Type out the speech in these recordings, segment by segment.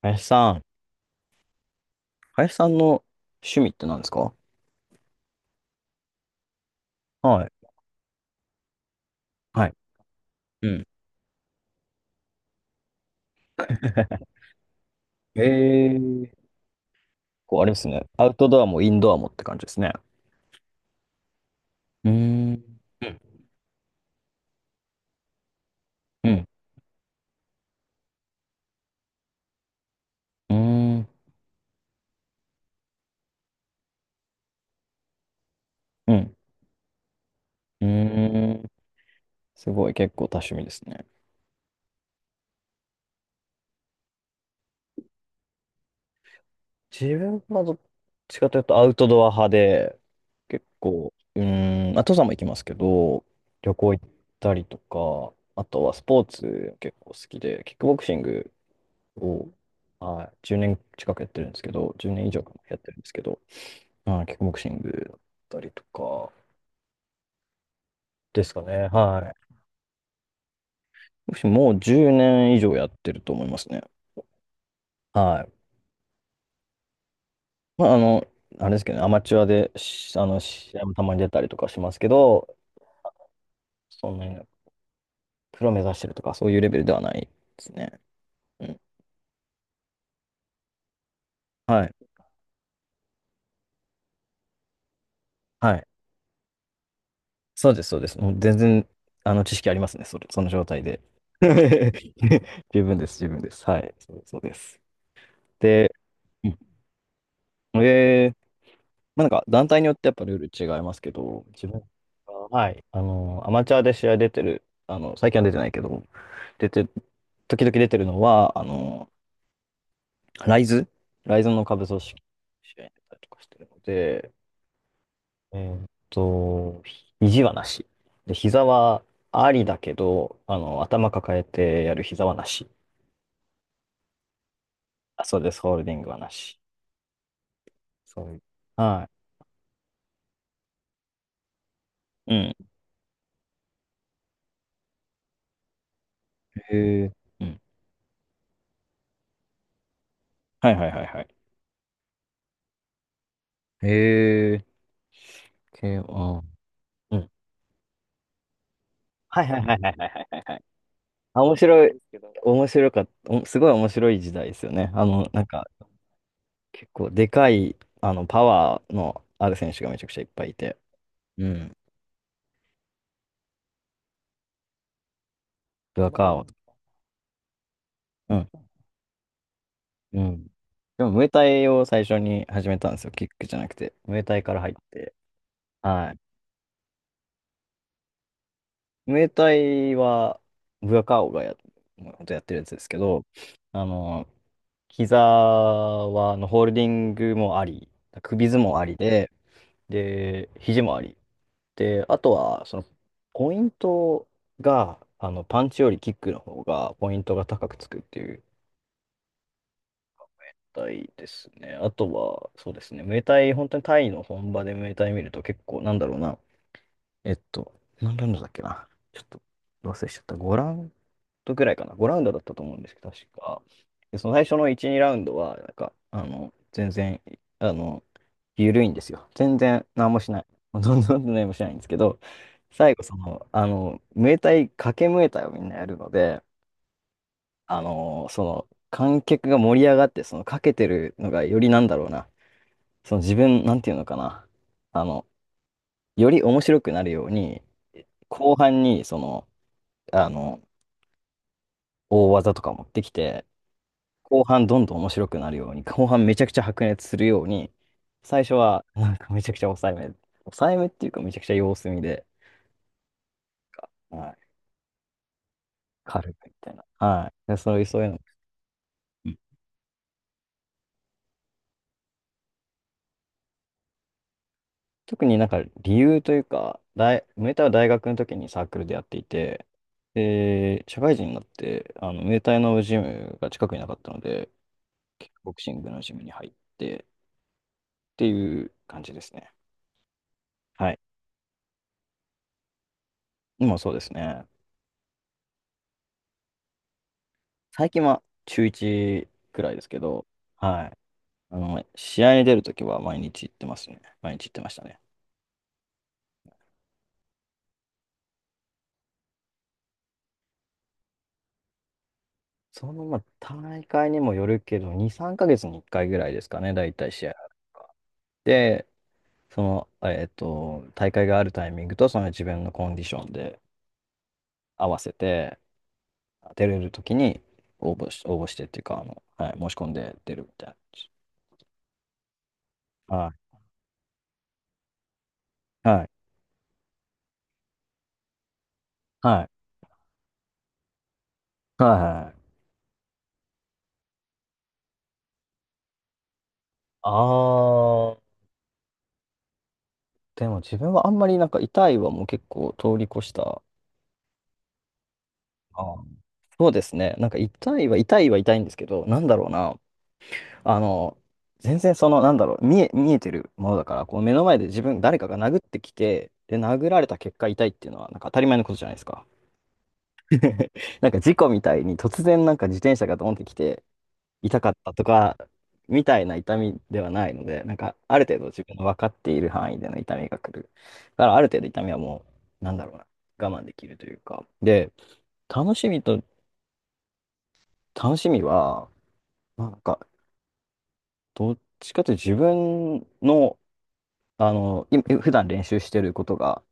林さん、林さんの趣味って何ですか？はい。はい。うん。えー、こうあれですね。アウトドアもインドアもって感じですね。うーん。うん。うん。うん。うん。うん、すごい、結構多趣味ですね。自分はどっちかというとアウトドア派で、結構、うーん、まあ、登山も行きますけど、旅行行ったりとか、あとはスポーツ結構好きで、キックボクシングを、はい、10年近くやってるんですけど、10年以上かなやってるんですけど、はい、キックボクシングだったりとかですかね。はい。ボクシングもう10年以上やってると思いますね。はい。まあ、あれですけどね。アマチュアで、し、試合もたまに出たりとかしますけど、そんなにプロ目指してるとか、そういうレベルではないですね。うん。はい。はい。そうです、そうです。もう全然、知識ありますね、それ、その状態で。十分です、十分です。はい。そうそうです。で、うん、えー、まあなんか団体によってやっぱルール違いますけど、自分は、はい、アマチュアで試合出てる、最近は出てないけど、出て、時々出てるのは、ライズ、ライズの下部組織の試合に出たりとかしてるので、えーっと、肘はなし。で、膝はありだけど、頭抱えてやる膝はなし。あ、そうです、ホールディングはなし。そういう。はい。うん。へえ。うん。はいはいはいはい。へえ。系は、うん。はいはいはいはいはいはい。あ、面白い、ですけど。面白かった、お、すごい面白い時代ですよね。なんか、結構でかい、パワーのある選手がめちゃくちゃいっぱいいて。うん。ブアカオーを。うん。うん。でも、ムエタイを最初に始めたんですよ。キックじゃなくて。ムエタイから入って。はい。ムエタイは、ブアカーオがや、もう本当やってるやつですけど、あの、膝は、あのホールディングもあり、首相撲ありで、で、肘回り。で、あとは、その、ポイントが、パンチよりキックの方が、ポイントが高くつくっていう体ですね。あとは、そうですね、ムエタイ、本当にタイの本場でムエタイ見ると結構、なんだろうな、えっと、何ラウンドだっけな。ちょっと忘れしちゃった。5ラウンドくらいかな。5ラウンドだったと思うんですけど、確か。で、その最初の1、2ラウンドは、なんか、全然、あの、緩いんですよ。全然何もしない。んどんどん何もしないんですけど、最後、その、ムエタイ、掛けムエタイをみんなやるので、その、観客が盛り上がって、その、かけてるのがよりなんだろうな。その自分、なんていうのかな。あの、より面白くなるように、後半に、その、あの、大技とか持ってきて、後半どんどん面白くなるように、後半めちゃくちゃ白熱するように、最初はなんかめちゃくちゃ抑えめ、抑えめっていうかめちゃくちゃ様子見で、はい、軽くみたいな。はい。で、そういう、そういうの。うん、特になんか理由というか、大、ムエタイは大学の時にサークルでやっていて、で、社会人になって、ムエタイのジムが近くになかったので、キックボクシングのジムに入ってっていう感じですね。はい。今そうですね。最近は週1くらいですけど、はい。試合に出るときは毎日行ってますね。毎日行ってましたね。その、まあ、大会にもよるけど、2、3ヶ月に1回ぐらいですかね、大体試合が。で、その、大会があるタイミングと、その自分のコンディションで合わせて、出れるときに応募してっていうか、はい、申し込んで出るみたいな感じ。はい。はい。はい。はい。はい。あ、でも自分はあんまりなんか痛いはもう結構通り越した。あー、そうですね。なんか痛いは痛いは痛いんですけど、なんだろうな。あの、全然その、なんだろう、見えてるものだから、こう目の前で自分、誰かが殴ってきて、で、殴られた結果痛いっていうのは、なんか当たり前のことじゃないですか。なんか事故みたいに突然なんか自転車がドンってきて、痛かったとか、みたいな痛みではないので、なんか、ある程度自分の分かっている範囲での痛みが来る。だから、ある程度痛みはもう、なんだろうな、我慢できるというか。で、楽しみと、楽しみは、なんか、どっちかというと自分の、い、普段練習してることが、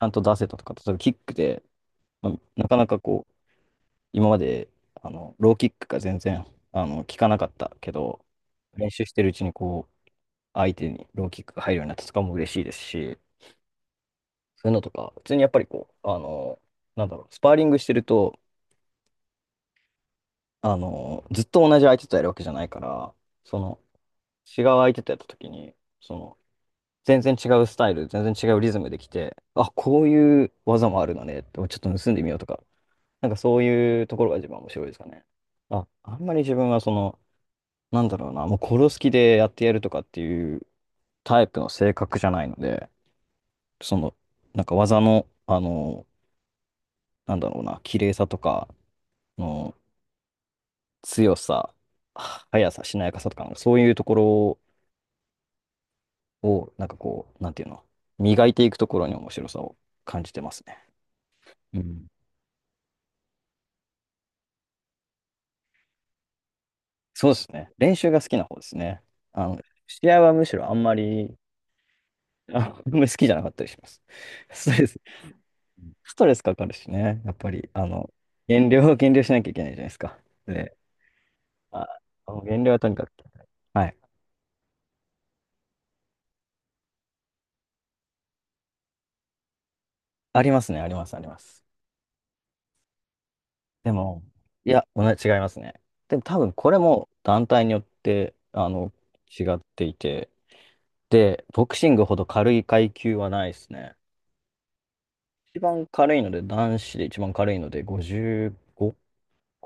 ちゃんと出せたとか、例えばキックで、まあなかなかこう、今まで、ローキックが全然、効かなかったけど、練習してるうちにこう、相手にローキックが入るようになったとかも嬉しいですし、そういうのとか、普通にやっぱりこう、なんだろう、スパーリングしてると、ずっと同じ相手とやるわけじゃないから、その、違う相手とやった時に、その、全然違うスタイル、全然違うリズムできて、あ、こういう技もあるのね、ちょっと盗んでみようとか、なんかそういうところが一番面白いですかね。あ、あんまり自分はその、なんだろうな、もう殺す気でやってやるとかっていうタイプの性格じゃないので、その、なんか技の、なんだろうな、綺麗さとかの強さ、速さ、しなやかさとか、なんかそういうところを、なんかこう、なんていうの、磨いていくところに面白さを感じてますね。うん。そうですね。練習が好きな方ですね。あの、試合はむしろあんまり、あんまり好きじゃなかったりします。ストレス、ストレスかかるしね。やっぱり、減量しなきゃいけないじゃないですか。で、あ、減量はとにかく。はい、ありますね、あります、あります。でも、いや、同じ、違いますね。でも多分これも団体によって、違っていて、で、ボクシングほど軽い階級はないですね。一番軽いので、男子で一番軽いので55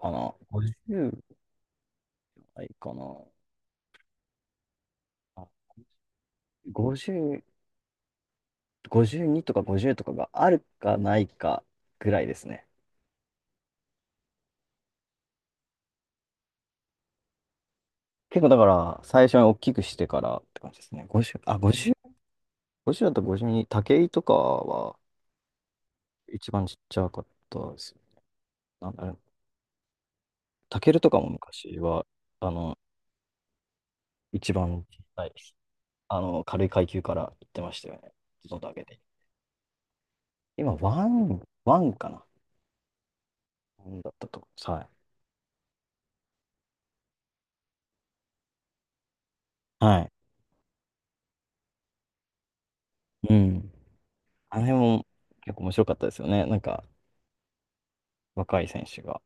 かな。50ないかな。あ、50、52とか50とかがあるかないかぐらいですね。結構だから最初に大きくしてからって感じですね。50、あ、50、50だと52、武井とかは一番ちっちゃかったですね。なんだろう、タケルとかも昔は、あの、一番小さい、軽い階級から行ってましたよね。どんどん上げて。今、ワン、ワンかな、ワンだったと思います。はい。はい。うん。あれも結構面白かったですよね。なんか、若い選手が。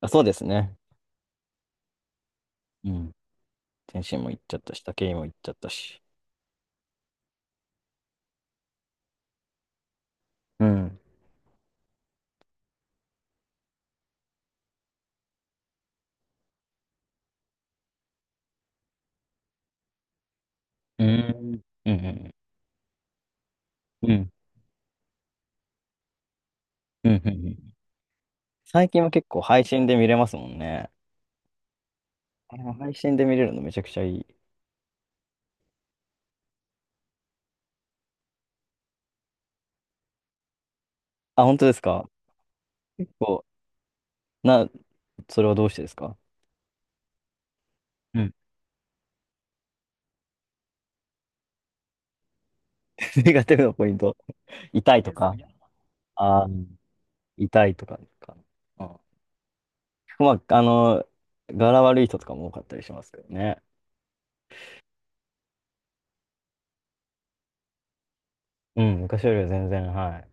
あ、そうですね。うん。天心も行っちゃったし、武井も行っちゃったし。うん。うん。うん。うん。うん。うん。うん、最近は結構配信で見れますもんね。あれも配信で見れるのめちゃくちゃいい。あ、本当ですか？結構、な、それはどうしてですか？うん。ネガティブなポイント。痛いとか、ああ、痛いとかですか。ああ、まあ、柄悪い人とかも多かったりしますけどね。うん、昔よりは全然、はい。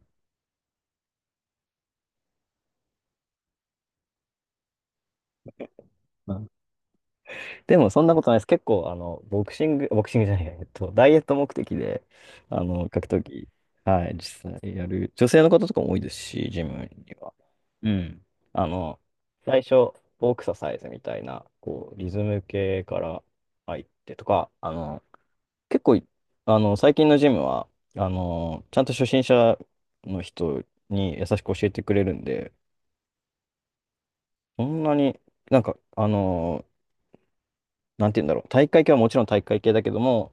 でもそんなことないです。結構、ボクシング、ボクシングじゃないや、ダイエット目的で、格闘技、はい、実際やる、女性の方とかも多いですし、ジムには。うん。あの、最初、ボクササイズみたいな、こう、リズム系から入ってとか、結構、最近のジムは、ちゃんと初心者の人に優しく教えてくれるんで、そんなに、なんか、なんて言うんだろう。体育会系はもちろん体育会系だけども、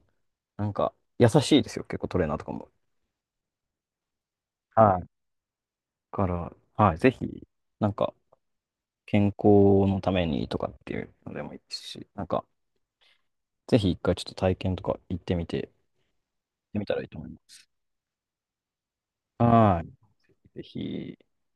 なんか、優しいですよ。結構トレーナーとかも。はい。だから、はい、ぜひ、なんか、健康のためにとかっていうのでもいいですし、なんか、ぜひ一回ちょっと体験とか行ってみて、行ってみたらいいと思います。はい。ぜひ。